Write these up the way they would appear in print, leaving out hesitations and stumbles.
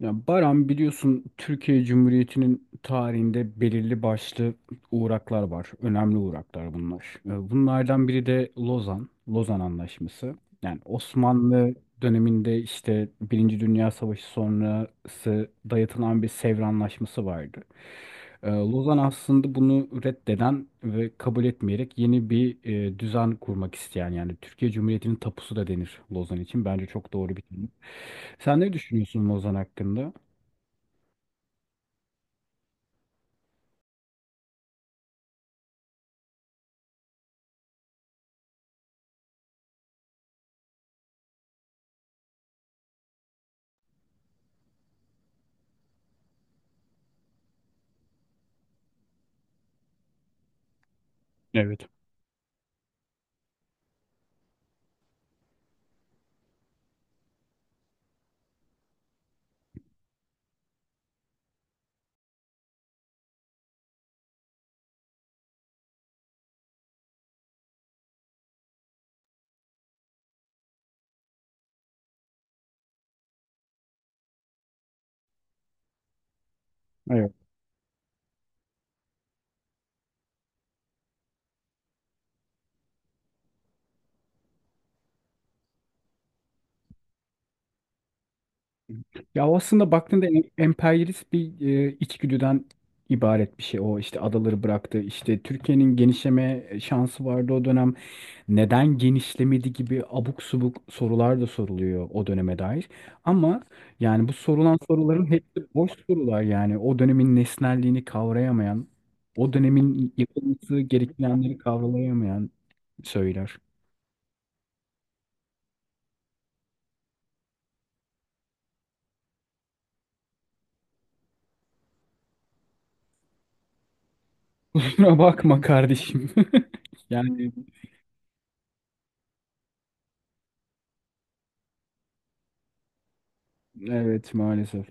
Ya Baran, biliyorsun Türkiye Cumhuriyeti'nin tarihinde belirli başlı uğraklar var. Önemli uğraklar bunlar. Bunlardan biri de Lozan, Lozan Anlaşması. Yani Osmanlı döneminde işte Birinci Dünya Savaşı sonrası dayatılan bir Sevr Anlaşması vardı. Lozan aslında bunu reddeden ve kabul etmeyerek yeni bir düzen kurmak isteyen, yani Türkiye Cumhuriyeti'nin tapusu da denir Lozan için. Bence çok doğru bir terim. Sen ne düşünüyorsun Lozan hakkında? Evet. Evet. Ya o, aslında baktığında emperyalist bir içgüdüden ibaret bir şey. O işte adaları bıraktı. İşte Türkiye'nin genişleme şansı vardı o dönem. Neden genişlemedi gibi abuk subuk sorular da soruluyor o döneme dair. Ama yani bu sorulan soruların hepsi boş sorular yani. O dönemin nesnelliğini kavrayamayan, o dönemin yapılması gerekilenleri kavrayamayan söyler. Kusura bakma kardeşim. Yani evet, maalesef.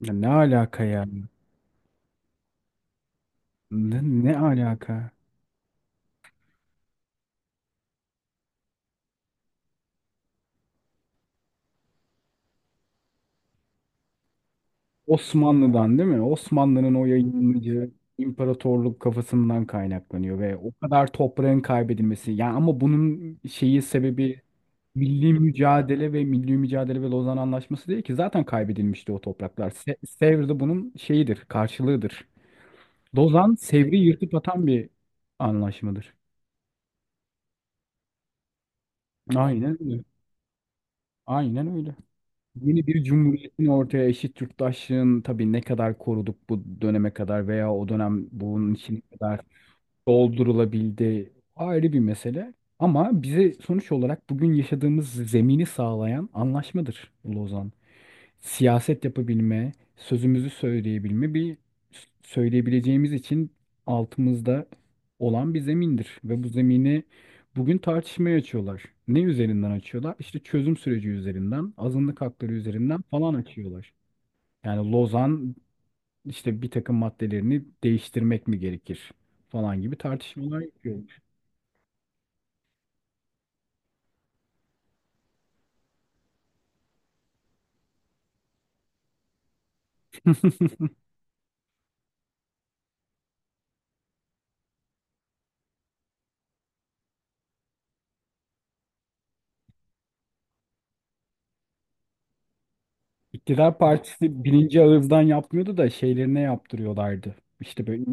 Ya ne alaka ya? Ne alaka? Osmanlı'dan değil mi? Osmanlı'nın o yayılmacı imparatorluk kafasından kaynaklanıyor ve o kadar toprağın kaybedilmesi. Ya ama bunun şeyi sebebi milli mücadele ve Lozan Anlaşması değil ki, zaten kaybedilmişti o topraklar. Sevr de bunun şeyidir, karşılığıdır. Lozan, Sevr'i yırtıp atan bir anlaşmadır. Aynen öyle. Aynen öyle. Yeni bir cumhuriyetin ortaya eşit yurttaşlığın, tabii ne kadar koruduk bu döneme kadar veya o dönem bunun için ne kadar doldurulabildi, ayrı bir mesele. Ama bize sonuç olarak bugün yaşadığımız zemini sağlayan anlaşmadır Lozan. Siyaset yapabilme, sözümüzü söyleyebilme, bir söyleyebileceğimiz için altımızda olan bir zemindir. Ve bu zemini bugün tartışmaya açıyorlar. Ne üzerinden açıyorlar? İşte çözüm süreci üzerinden, azınlık hakları üzerinden falan açıyorlar. Yani Lozan işte bir takım maddelerini değiştirmek mi gerekir falan gibi tartışmalar yapıyor. İktidar partisi birinci ağızdan yapmıyordu da şeylerine yaptırıyorlardı. İşte böyle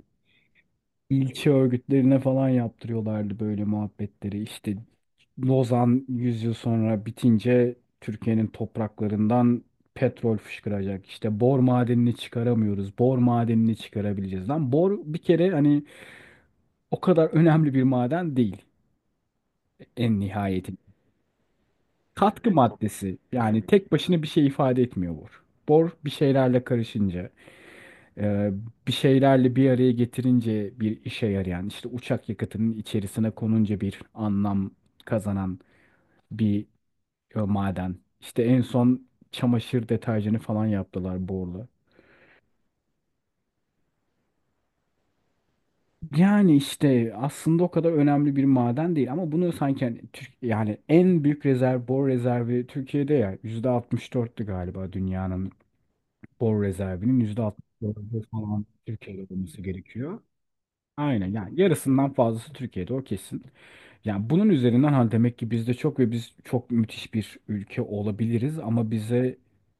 ilçe örgütlerine falan yaptırıyorlardı böyle muhabbetleri. İşte Lozan 100 yıl sonra bitince Türkiye'nin topraklarından petrol fışkıracak. İşte bor madenini çıkaramıyoruz. Bor madenini çıkarabileceğiz. Lan bor bir kere hani o kadar önemli bir maden değil en nihayetinde. Katkı maddesi, yani tek başına bir şey ifade etmiyor bor. Bor bir şeylerle karışınca. Ee, Bir şeylerle bir araya getirince bir işe yarayan, işte uçak yakıtının içerisine konunca bir anlam kazanan bir maden. İşte en son çamaşır deterjanı falan yaptılar borla. Yani işte aslında o kadar önemli bir maden değil ama bunu sanki hani Türk, yani en büyük rezerv bor rezervi Türkiye'de ya, yüzde altmış dört'tü galiba, dünyanın bor rezervinin %64'ü falan Türkiye'de olması gerekiyor. Aynen, yani yarısından fazlası Türkiye'de o kesin. Yani bunun üzerinden hani demek ki bizde çok ve biz çok müthiş bir ülke olabiliriz ama bize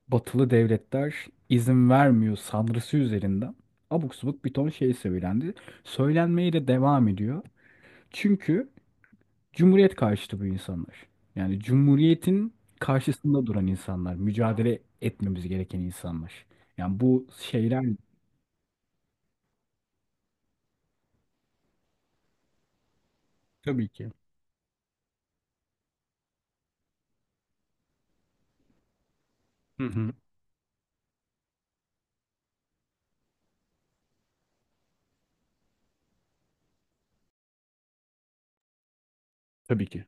batılı devletler izin vermiyor sanrısı üzerinden abuk subuk bir ton şey söylendi. Söylenmeye de devam ediyor. Çünkü cumhuriyet karşıtı bu insanlar. Yani cumhuriyetin karşısında duran insanlar, mücadele etmemiz gereken insanlar. Yani bu şeyler. Tabii ki. Hı hı. Tabii ki.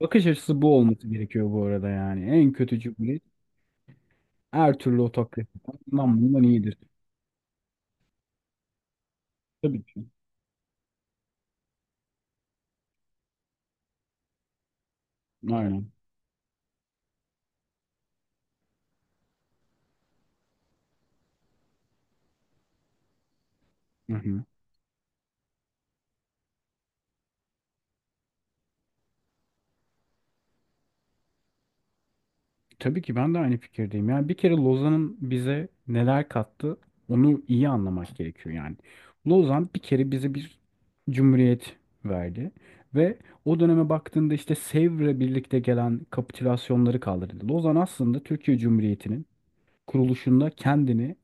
Bakış açısı bu olması gerekiyor bu arada yani. En kötü cumhuriyet. Her türlü otokrasi. Lan, bundan iyidir. Tabii ki. Aynen. Hı hı. Tabii ki, ben de aynı fikirdeyim. Yani bir kere Lozan'ın bize neler kattı onu iyi anlamak gerekiyor yani. Lozan bir kere bize bir cumhuriyet verdi ve o döneme baktığında işte Sevr'le birlikte gelen kapitülasyonları kaldırdı. Lozan aslında Türkiye Cumhuriyeti'nin kuruluşunda kendini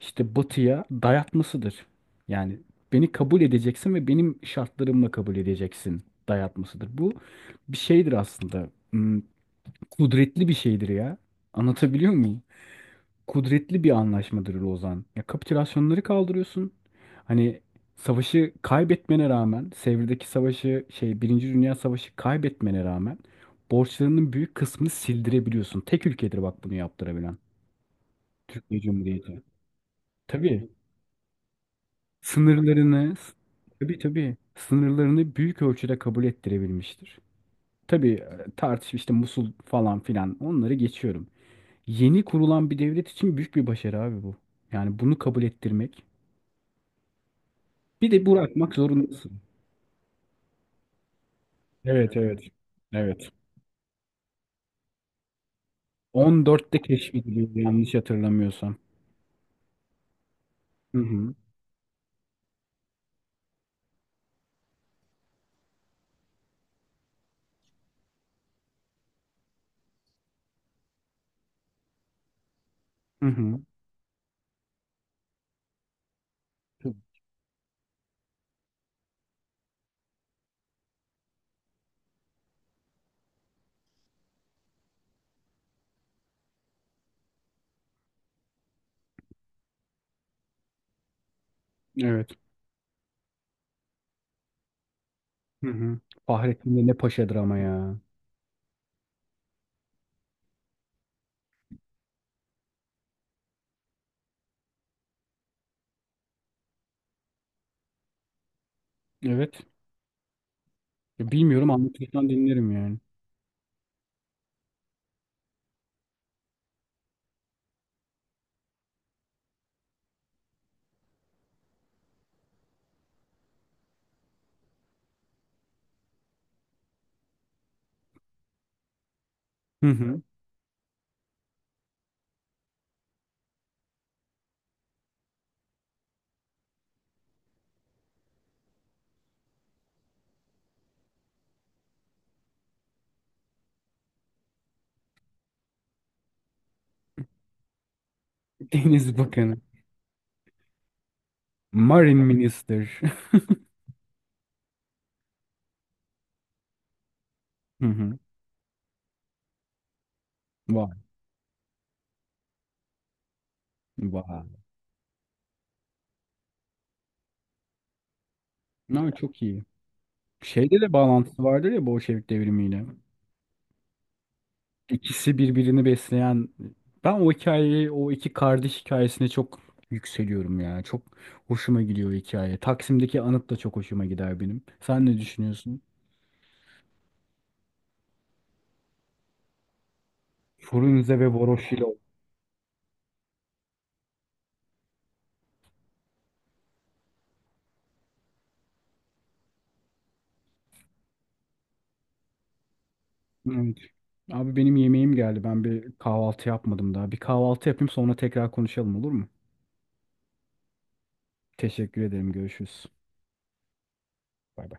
işte batıya dayatmasıdır. Yani beni kabul edeceksin ve benim şartlarımla kabul edeceksin dayatmasıdır. Bu bir şeydir aslında. Kudretli bir şeydir ya. Anlatabiliyor muyum? Kudretli bir anlaşmadır Lozan. Ya kapitülasyonları kaldırıyorsun. Hani savaşı kaybetmene rağmen, Sevr'deki savaşı, şey, Birinci Dünya Savaşı kaybetmene rağmen borçlarının büyük kısmını sildirebiliyorsun. Tek ülkedir bak bunu yaptırabilen. Türkiye Cumhuriyeti. Tabii. Sınırlarını, tabii tabii, sınırlarını büyük ölçüde kabul ettirebilmiştir. Tabii tartış işte Musul falan filan, onları geçiyorum. Yeni kurulan bir devlet için büyük bir başarı abi bu. Yani bunu kabul ettirmek. Bir de bırakmak zorundasın. Evet evet. Evet. 14'te keşfediliyor yanlış hatırlamıyorsam. Hı hı. Hı hı. Evet. Hı hı. Fahrettin de ne paşadır ama ya. Evet. Ya bilmiyorum, anlatırsan dinlerim yani. Hı hı. Deniz Bakanı. Marine Minister. Hı hı. Vay. Vay. Ha, çok iyi. Şeyde de bağlantısı vardır ya, Bolşevik devrimiyle. İkisi birbirini besleyen. Ben o hikayeyi, o iki kardeş hikayesine çok yükseliyorum ya. Çok hoşuma gidiyor o hikaye. Taksim'deki anıt da çok hoşuma gider benim. Sen ne düşünüyorsun? Frunze ve Voroshilov. Evet. Abi benim yemeğim geldi. Ben bir kahvaltı yapmadım daha. Bir kahvaltı yapayım sonra tekrar konuşalım, olur mu? Teşekkür ederim. Görüşürüz. Bay bay.